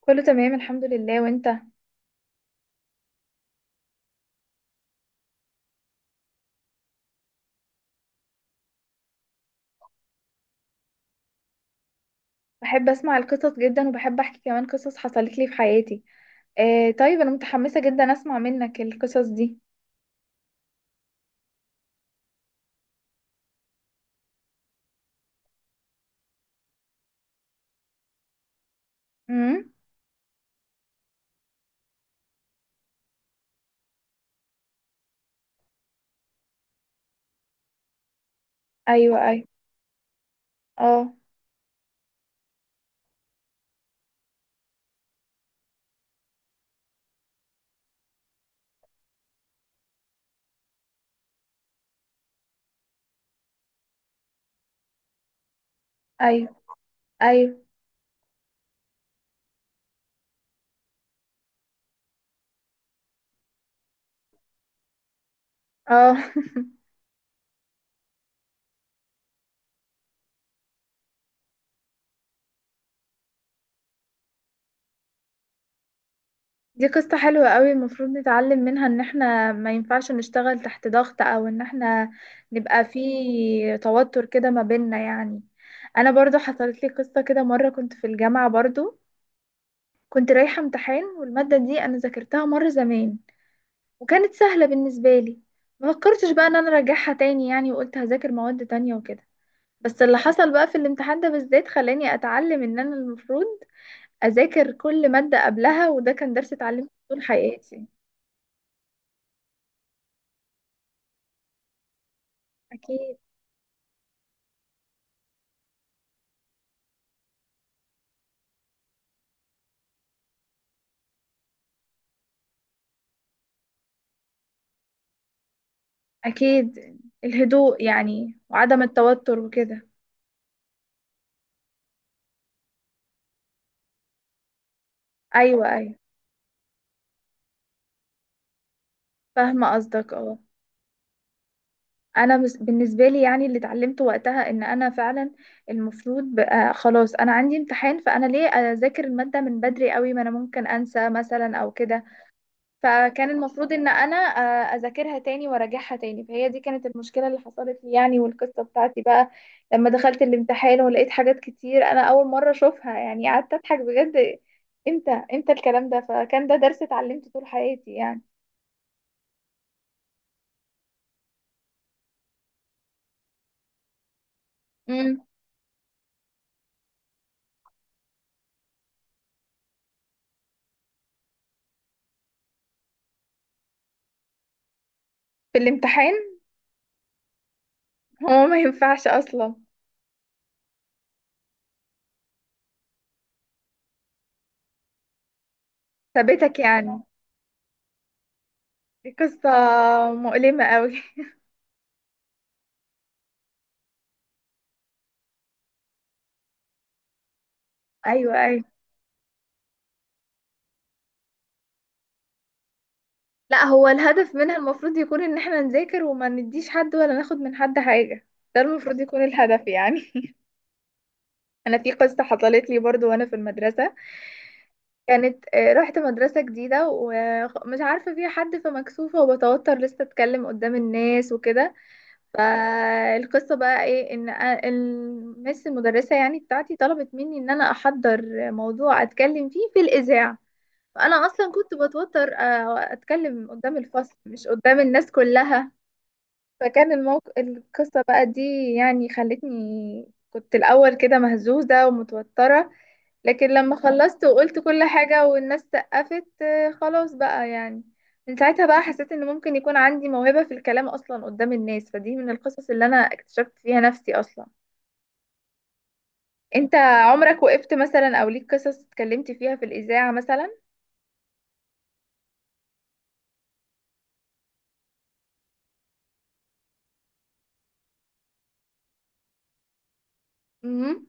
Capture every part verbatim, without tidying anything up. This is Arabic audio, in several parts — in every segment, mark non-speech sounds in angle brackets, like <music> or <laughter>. كله تمام، الحمد لله. وانت؟ بحب اسمع القصص جدا وبحب احكي كمان قصص حصلت لي في حياتي. آه، طيب، انا متحمسة جدا اسمع منك القصص دي. امم. ايوه، ايوه. اه. ايوه، ايوه. اه. <laughs> دي قصة حلوة قوي، المفروض نتعلم منها ان احنا ما ينفعش نشتغل تحت ضغط، او ان احنا نبقى في توتر كده ما بيننا يعني. انا برضو حصلت لي قصة كده مرة، كنت في الجامعة برضو. كنت رايحة امتحان والمادة دي انا ذاكرتها مرة زمان، وكانت سهلة بالنسبة لي. ما فكرتش بقى ان انا اراجعها تاني يعني، وقلت هذاكر مواد تانية وكده. بس اللي حصل بقى في الامتحان ده بالذات خلاني اتعلم ان انا المفروض اذاكر كل مادة قبلها، وده كان درس اتعلمته طول حياتي. اكيد. اكيد. الهدوء يعني وعدم التوتر وكده. ايوه، ايوه. فاهمة قصدك، اه. انا بس- بالنسبه لي يعني اللي اتعلمته وقتها ان انا فعلا المفروض بقى، خلاص انا عندي امتحان، فانا ليه اذاكر الماده من بدري قوي، ما انا ممكن انسى مثلا او كده. فكان المفروض ان انا آه، اذاكرها تاني وراجعها تاني، فهي دي كانت المشكله اللي حصلت لي يعني. والقصه بتاعتي بقى لما دخلت الامتحان ولقيت حاجات كتير انا اول مره اشوفها يعني، قعدت اضحك بجد. امتى امتى الكلام ده؟ فكان ده درس اتعلمته طول حياتي يعني. امم. في الامتحان؟ هو ما ينفعش اصلا. ثابتك يعني. دي قصة مؤلمة قوي. <laughs> ايوه، ايوه. لا، هو الهدف منها المفروض يكون ان احنا نذاكر، وما نديش حد ولا ناخد من حد حاجة. ده المفروض يكون الهدف يعني. <laughs> انا في قصة حصلت لي برضو وانا في المدرسة. كانت آه، رحت مدرسة جديدة ومش عارفة فيها حد، فمكسوفة وبتوتر لسه اتكلم قدام الناس وكده. فالقصة بقى ايه؟ ان أ- المس المدرسة يعني بتاعتي طلبت مني ان انا احضر موضوع اتكلم فيه في الاذاعة. فانا اصلا كنت بتوتر آه، اتكلم قدام الفصل، مش قدام الناس كلها. فكان الموقف، القصة بقى دي يعني خلتني كنت الاول كده مهزوزة ومتوترة. لكن لما خلصت وقلت كل حاجة والناس سقفت، آه، خلاص بقى يعني. من ساعتها بقى حسيت ان ممكن يكون عندي موهبة في الكلام اصلا قدام الناس، فدي من القصص اللي انا اكتشفت فيها نفسي اصلا. انت عمرك وقفت مثلا او ليك قصص اتكلمت فيها في الاذاعة مثلا؟ امم.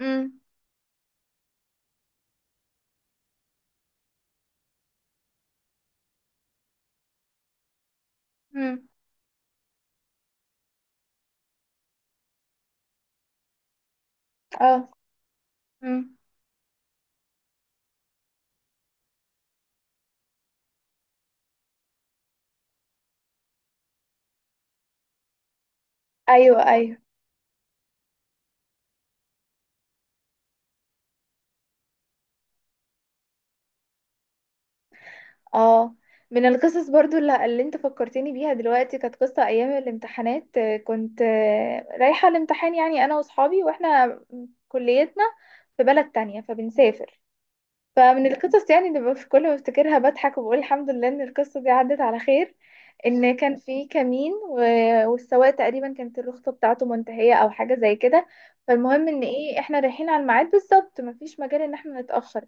امم. آه. مم. ايوه، ايوه. اه. من القصص برضو اللي, اللي انت فكرتني بيها دلوقتي، كانت قصة ايام الامتحانات. آه، كنت آه، رايحة الامتحان يعني انا واصحابي، واحنا كليتنا في بلد تانية فبنسافر. فمن القصص يعني اللي بف- كل ما بفتكرها بضحك وبقول الحمد لله ان القصة دي عدت على خير. ان كان في كمين و- والسواق تقريبا كانت الرخصة بتاعته منتهية او حاجة زي كده. فالمهم ان ايه، احنا رايحين على الميعاد بالظبط، مفيش مجال ان احنا نتأخر.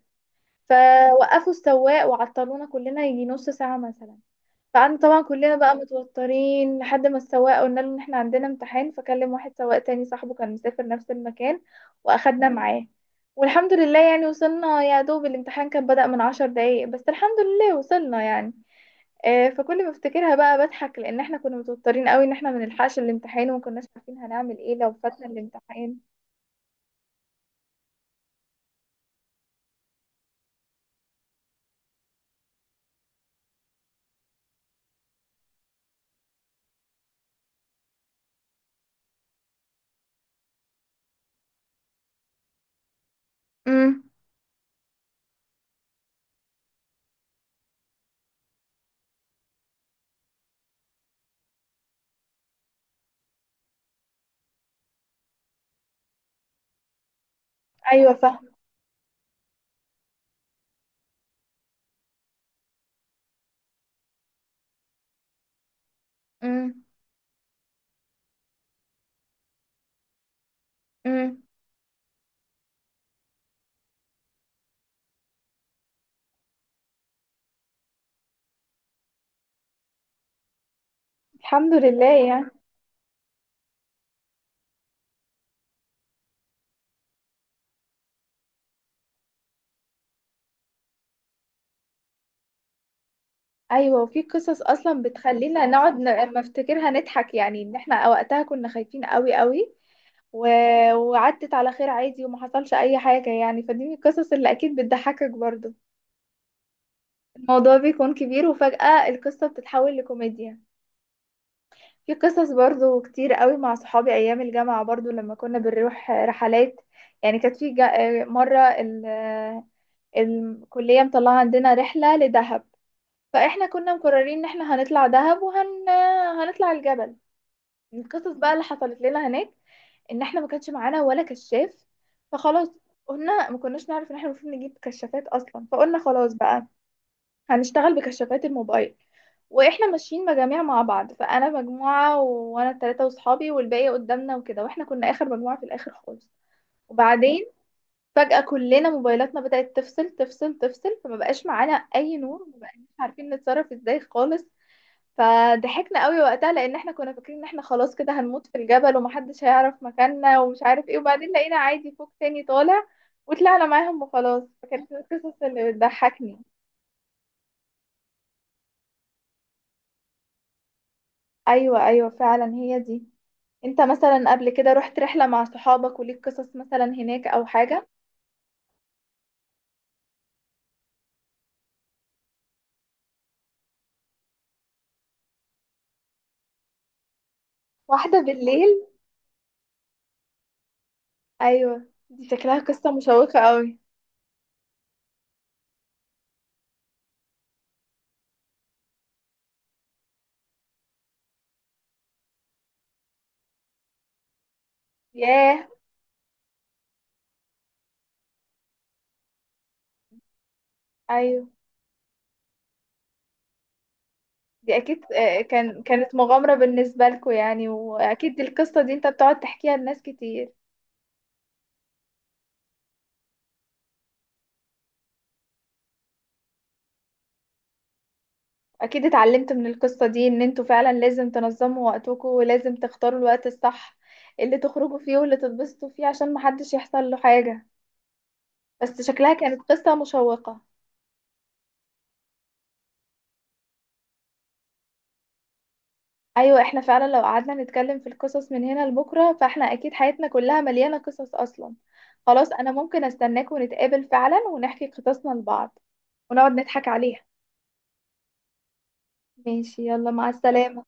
فوقفوا السواق وعطلونا كلنا يجي نص ساعة مثلا. فقعدنا طبعا كلنا بقى متوترين، لحد ما السواق قلنا له ان احنا عندنا امتحان، فكلم واحد سواق تاني صاحبه كان مسافر نفس المكان واخدنا معاه. والحمد لله يعني وصلنا، يا دوب الامتحان كان بدأ من عشر دقايق، بس الحمد لله وصلنا يعني. آه، فكل ما افتكرها بقى بضحك، لان احنا كنا متوترين قوي ان احنا ما نلحقش الامتحان، وما كناش عارفين هنعمل ايه لو فاتنا الامتحان. امم. ايوه فاهمه. امم. امم. الحمد لله يعني. ايوه، وفي قصص اصلا بتخلينا نقعد ن- لما افتكرها نضحك يعني، ان احنا وقتها كنا خايفين قوي قوي. و... وعدت على خير عادي وما حصلش اي حاجه يعني، فدي من القصص اللي اكيد بتضحكك برضو. الموضوع بيكون كبير وفجاه القصه بتتحول لكوميديا. في قصص برضو كتير قوي مع صحابي ايام الجامعه برضو، لما كنا بنروح رحلات. يعني كانت في جا... آه، مره ال... آه، الكليه مطلعه عندنا رحله لدهب. فاحنا كنا مقررين ان احنا هنطلع دهب وهن هنطلع الجبل. القصص بقى اللي حصلت لنا هناك ان احنا ما كانش معانا ولا كشاف، فخلاص. قلنا ما كناش نعرف ان احنا المفروض نجيب كشافات اصلا، فقلنا خلاص بقى هنشتغل بكشافات الموبايل. واحنا ماشيين مجاميع مع بعض، فانا مجموعه، وانا الثلاثه واصحابي، والباقي قدامنا وكده، واحنا كنا اخر مجموعه في الاخر خالص. وبعدين فجاه كلنا موبايلاتنا بدات تفصل تفصل تفصل، فما بقاش معانا اي نور، ما بقاش عارفين نتصرف ازاي خالص. فضحكنا قوي وقتها، لان احنا كنا فاكرين ان احنا خلاص كده هنموت في الجبل، ومحدش هيعرف مكاننا ومش عارف ايه. وبعدين لقينا عادي فوق تاني طالع، وطلعنا معاهم وخلاص، فكانت من القصص اللي بتضحكني. ايوه، ايوه، فعلا هي دي. انت مثلا قبل كده رحت رحلة مع صحابك وليك قصص مثلا هناك او حاجة؟ واحدة بالليل؟ ايوه، دي شكلها قصة مشوقة قوي. ياه. ايوه، دي اكيد آه، كان كانت مغامرة بالنسبة لكم يعني، واكيد القصة دي انت بتقعد تحكيها لناس كتير. اكيد اتعلمت من القصة دي ان انتوا فعلا لازم تنظموا وقتكم، ولازم تختاروا الوقت الصح اللي تخرجوا فيه واللي تتبسطوا فيه، عشان محدش يحصل له حاجة. بس شكلها كانت قصة مشوقة. ايوه، احنا فعلا لو قعدنا نتكلم في القصص من هنا لبكرة، فاحنا اكيد حياتنا كلها مليانة قصص اصلا. خلاص، انا ممكن استناك ونتقابل فعلا ونحكي قصصنا لبعض ونقعد نضحك عليها. ماشي، يلا مع السلامة.